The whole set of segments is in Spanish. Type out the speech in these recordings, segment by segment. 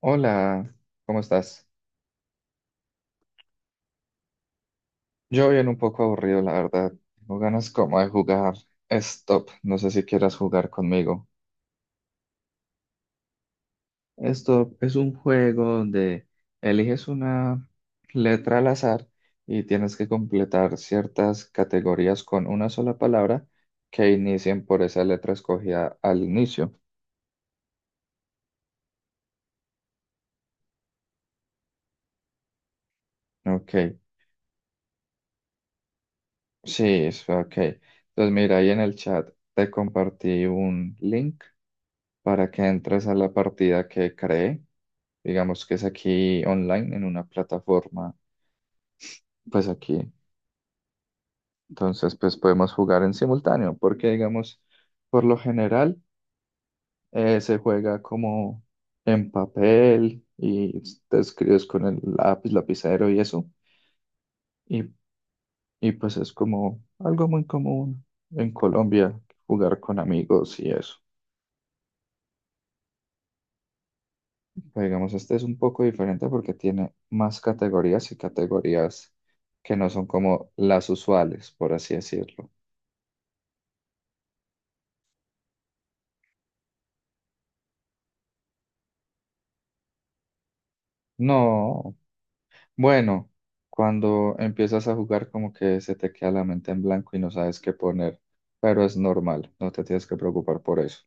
Hola, ¿cómo estás? Yo bien un poco aburrido, la verdad. Tengo ganas como de jugar Stop. No sé si quieras jugar conmigo. Stop es un juego donde eliges una letra al azar y tienes que completar ciertas categorías con una sola palabra que inicien por esa letra escogida al inicio. Ok, sí, ok. Entonces mira, ahí en el chat te compartí un link para que entres a la partida que creé. Digamos que es aquí online, en una plataforma, pues aquí. Entonces, pues podemos jugar en simultáneo, porque digamos, por lo general, se juega como en papel y te escribes con el lápiz, lapicero y eso. Y, y pues es como algo muy común en Colombia, jugar con amigos y eso. Pero digamos, este es un poco diferente porque tiene más categorías y categorías que no son como las usuales, por así decirlo. No, bueno, cuando empiezas a jugar como que se te queda la mente en blanco y no sabes qué poner, pero es normal, no te tienes que preocupar por eso.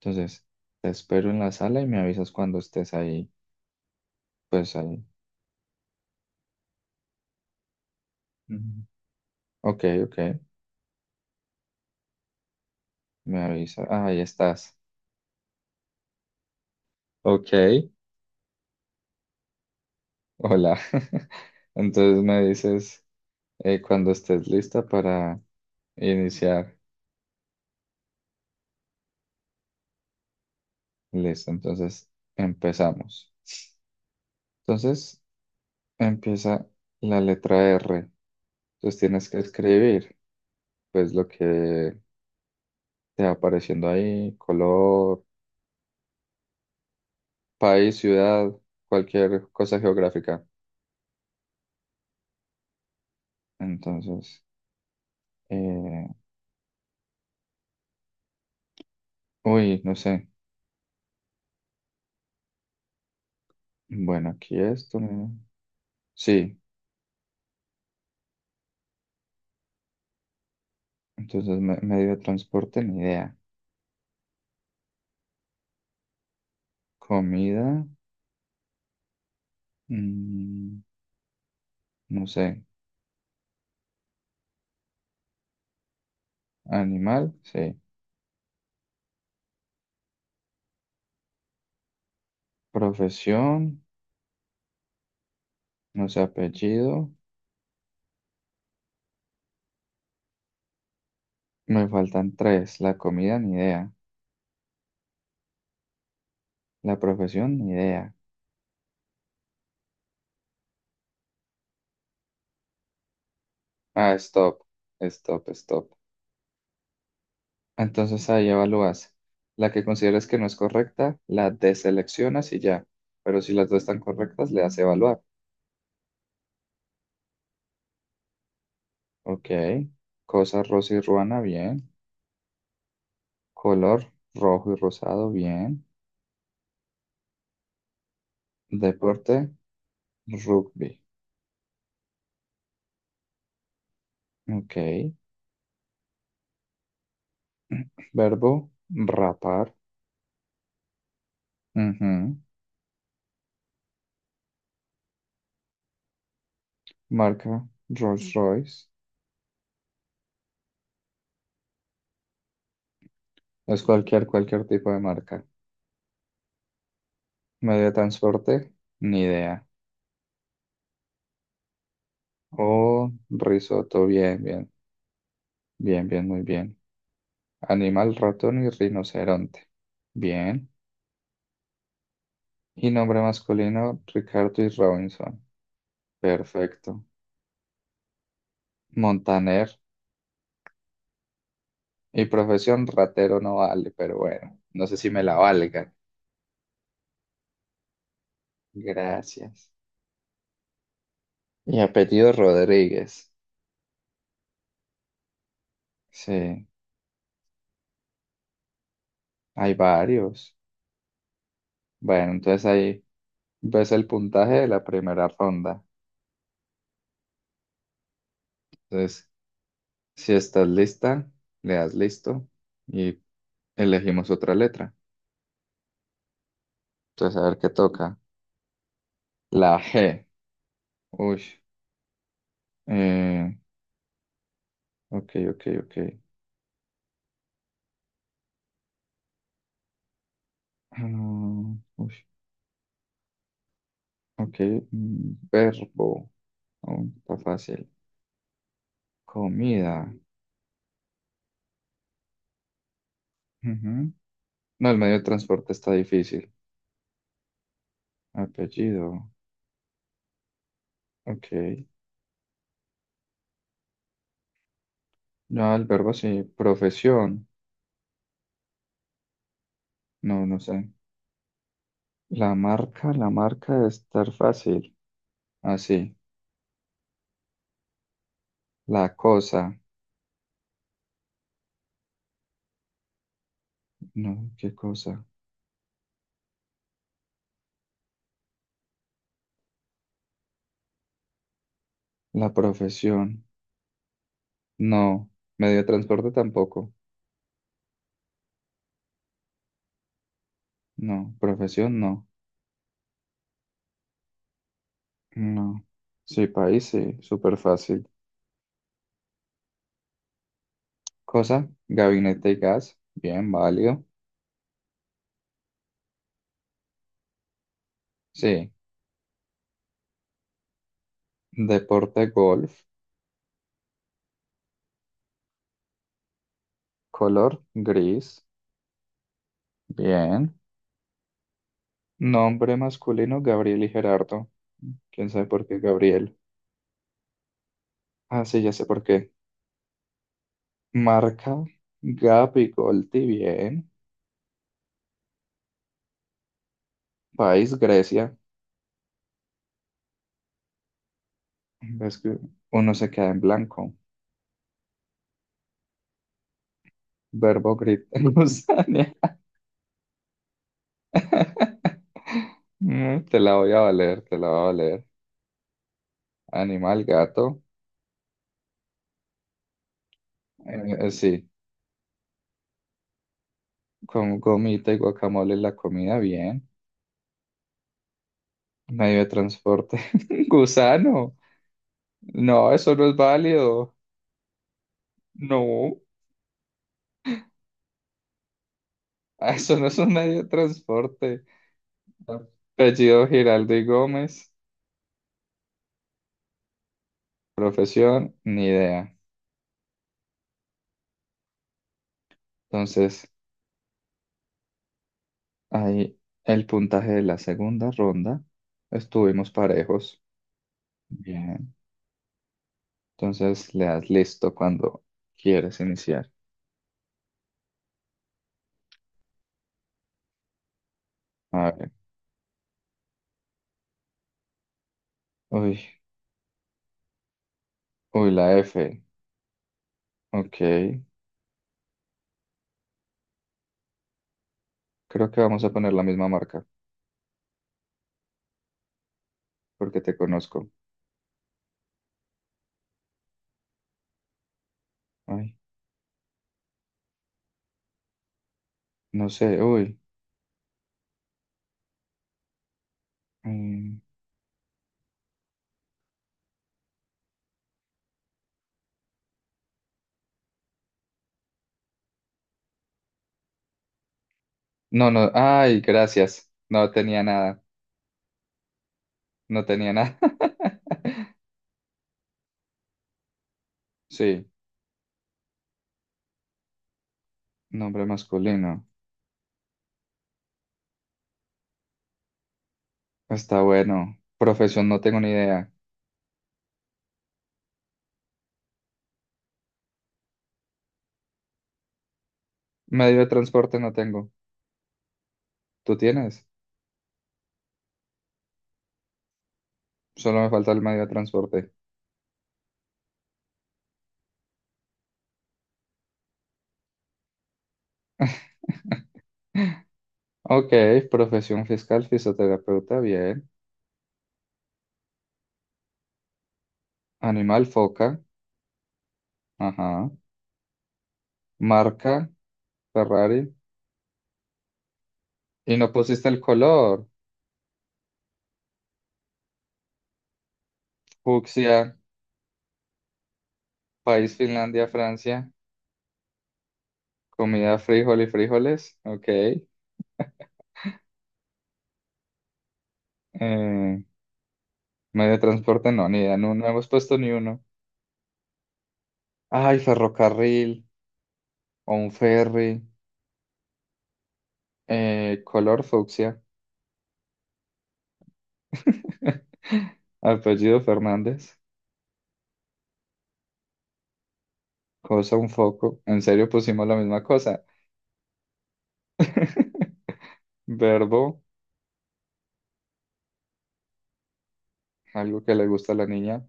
Entonces, te espero en la sala y me avisas cuando estés ahí, pues ahí. Ujú. Ok, ok, me avisa. Ah, ahí estás. Ok, hola. Entonces me dices cuando estés lista para iniciar. Listo, entonces empezamos. Entonces empieza la letra R. Entonces tienes que escribir, pues lo que te va apareciendo ahí, color, país, ciudad, cualquier cosa geográfica. Entonces, eh, uy, no sé. Bueno, aquí esto, ¿no? Sí, entonces medio de transporte, ni idea. Comida, mm, no sé. Animal, sí. Profesión, no sé, apellido. Me faltan tres. La comida, ni idea. La profesión, ni idea. Ah, stop. Stop, stop. Entonces ahí evalúas. La que consideres que no es correcta, la deseleccionas y ya. Pero si las dos están correctas, le das evaluar. Ok. Cosa rosa y ruana, bien. Color rojo y rosado, bien. Deporte, rugby. Ok. Verbo, rapar. Ujú. Marca, Rolls Royce. Es cualquier tipo de marca. Medio de transporte, ni idea. Oh, risotto, bien, bien. Bien, bien, muy bien. Animal, ratón y rinoceronte. Bien. Y nombre masculino, Ricardo y Robinson. Perfecto. Montaner. Y profesión, ratero no vale, pero bueno, no sé si me la valgan. Gracias. Y apellido Rodríguez. Sí, hay varios. Bueno, entonces ahí ves el puntaje de la primera ronda. Entonces, si estás lista, le das listo y elegimos otra letra. Entonces, a ver qué toca. La G. Uy. Eh, ok, ok, ok. Uy, ok, verbo. Oh, está fácil. Comida. Ujú. No, el medio de transporte está difícil. Apellido. Ok. No, el verbo sí. Profesión. No, no sé. La marca debe estar fácil. Así. La cosa. No, ¿qué cosa? La profesión. No. Medio de transporte tampoco. No. Profesión no. No. Sí, país, sí, súper fácil. Cosa, gabinete y gas, bien, válido. Sí. Deporte, golf. Color, gris, bien. Nombre masculino, Gabriel y Gerardo. ¿Quién sabe por qué Gabriel? Ah, sí, ya sé por qué. Marca, Gap y Golti, bien. País, Grecia. Ves que uno se queda en blanco. Verbo, gritar, gusaña. Mm, te la voy a valer, te la voy a valer. Animal, gato. Sí, con gomita y guacamole en la comida, bien. Medio de transporte. Gusano. No, eso no es válido. No, eso no es un medio de transporte. Apellido Giraldo y Gómez. Profesión, ni idea. Entonces, ahí el puntaje de la segunda ronda. Estuvimos parejos. Bien. Entonces, le das listo cuando quieres iniciar. A ver. Uy, uy, la F. Ok, creo que vamos a poner la misma marca, porque te conozco. Ay, no sé, uy. mm, No, no, ay, gracias. No tenía nada. Sí, nombre masculino. Está bueno. Profesión no tengo ni idea. Medio de transporte no tengo. ¿Tú tienes? Solo me falta el medio de transporte. Ok, profesión fiscal, fisioterapeuta, bien. Animal, foca. Ajá. Marca, Ferrari. Y no pusiste el color. Fucsia. País, Finlandia, Francia. Comida, frijol y frijoles. Ok. Medio de transporte, no, ni idea. No, no hemos puesto ni uno. Ay, ferrocarril o un ferry. Color fucsia. Apellido Fernández. Cosa, un foco. ¿En serio pusimos la misma cosa? Verbo, algo que le gusta a la niña.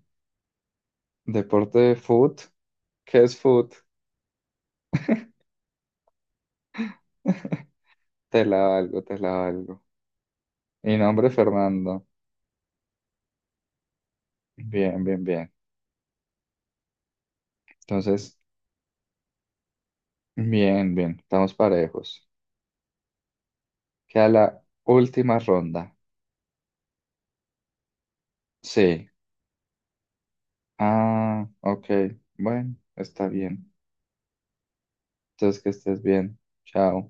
Deporte, foot. ¿Qué es foot? Te la valgo, te la valgo. Y nombre, Fernando. Bien, bien, bien. Entonces, bien, bien, estamos parejos. Queda la última ronda. Sí. Ah, ok. Bueno, está bien. Entonces que estés bien. Chao.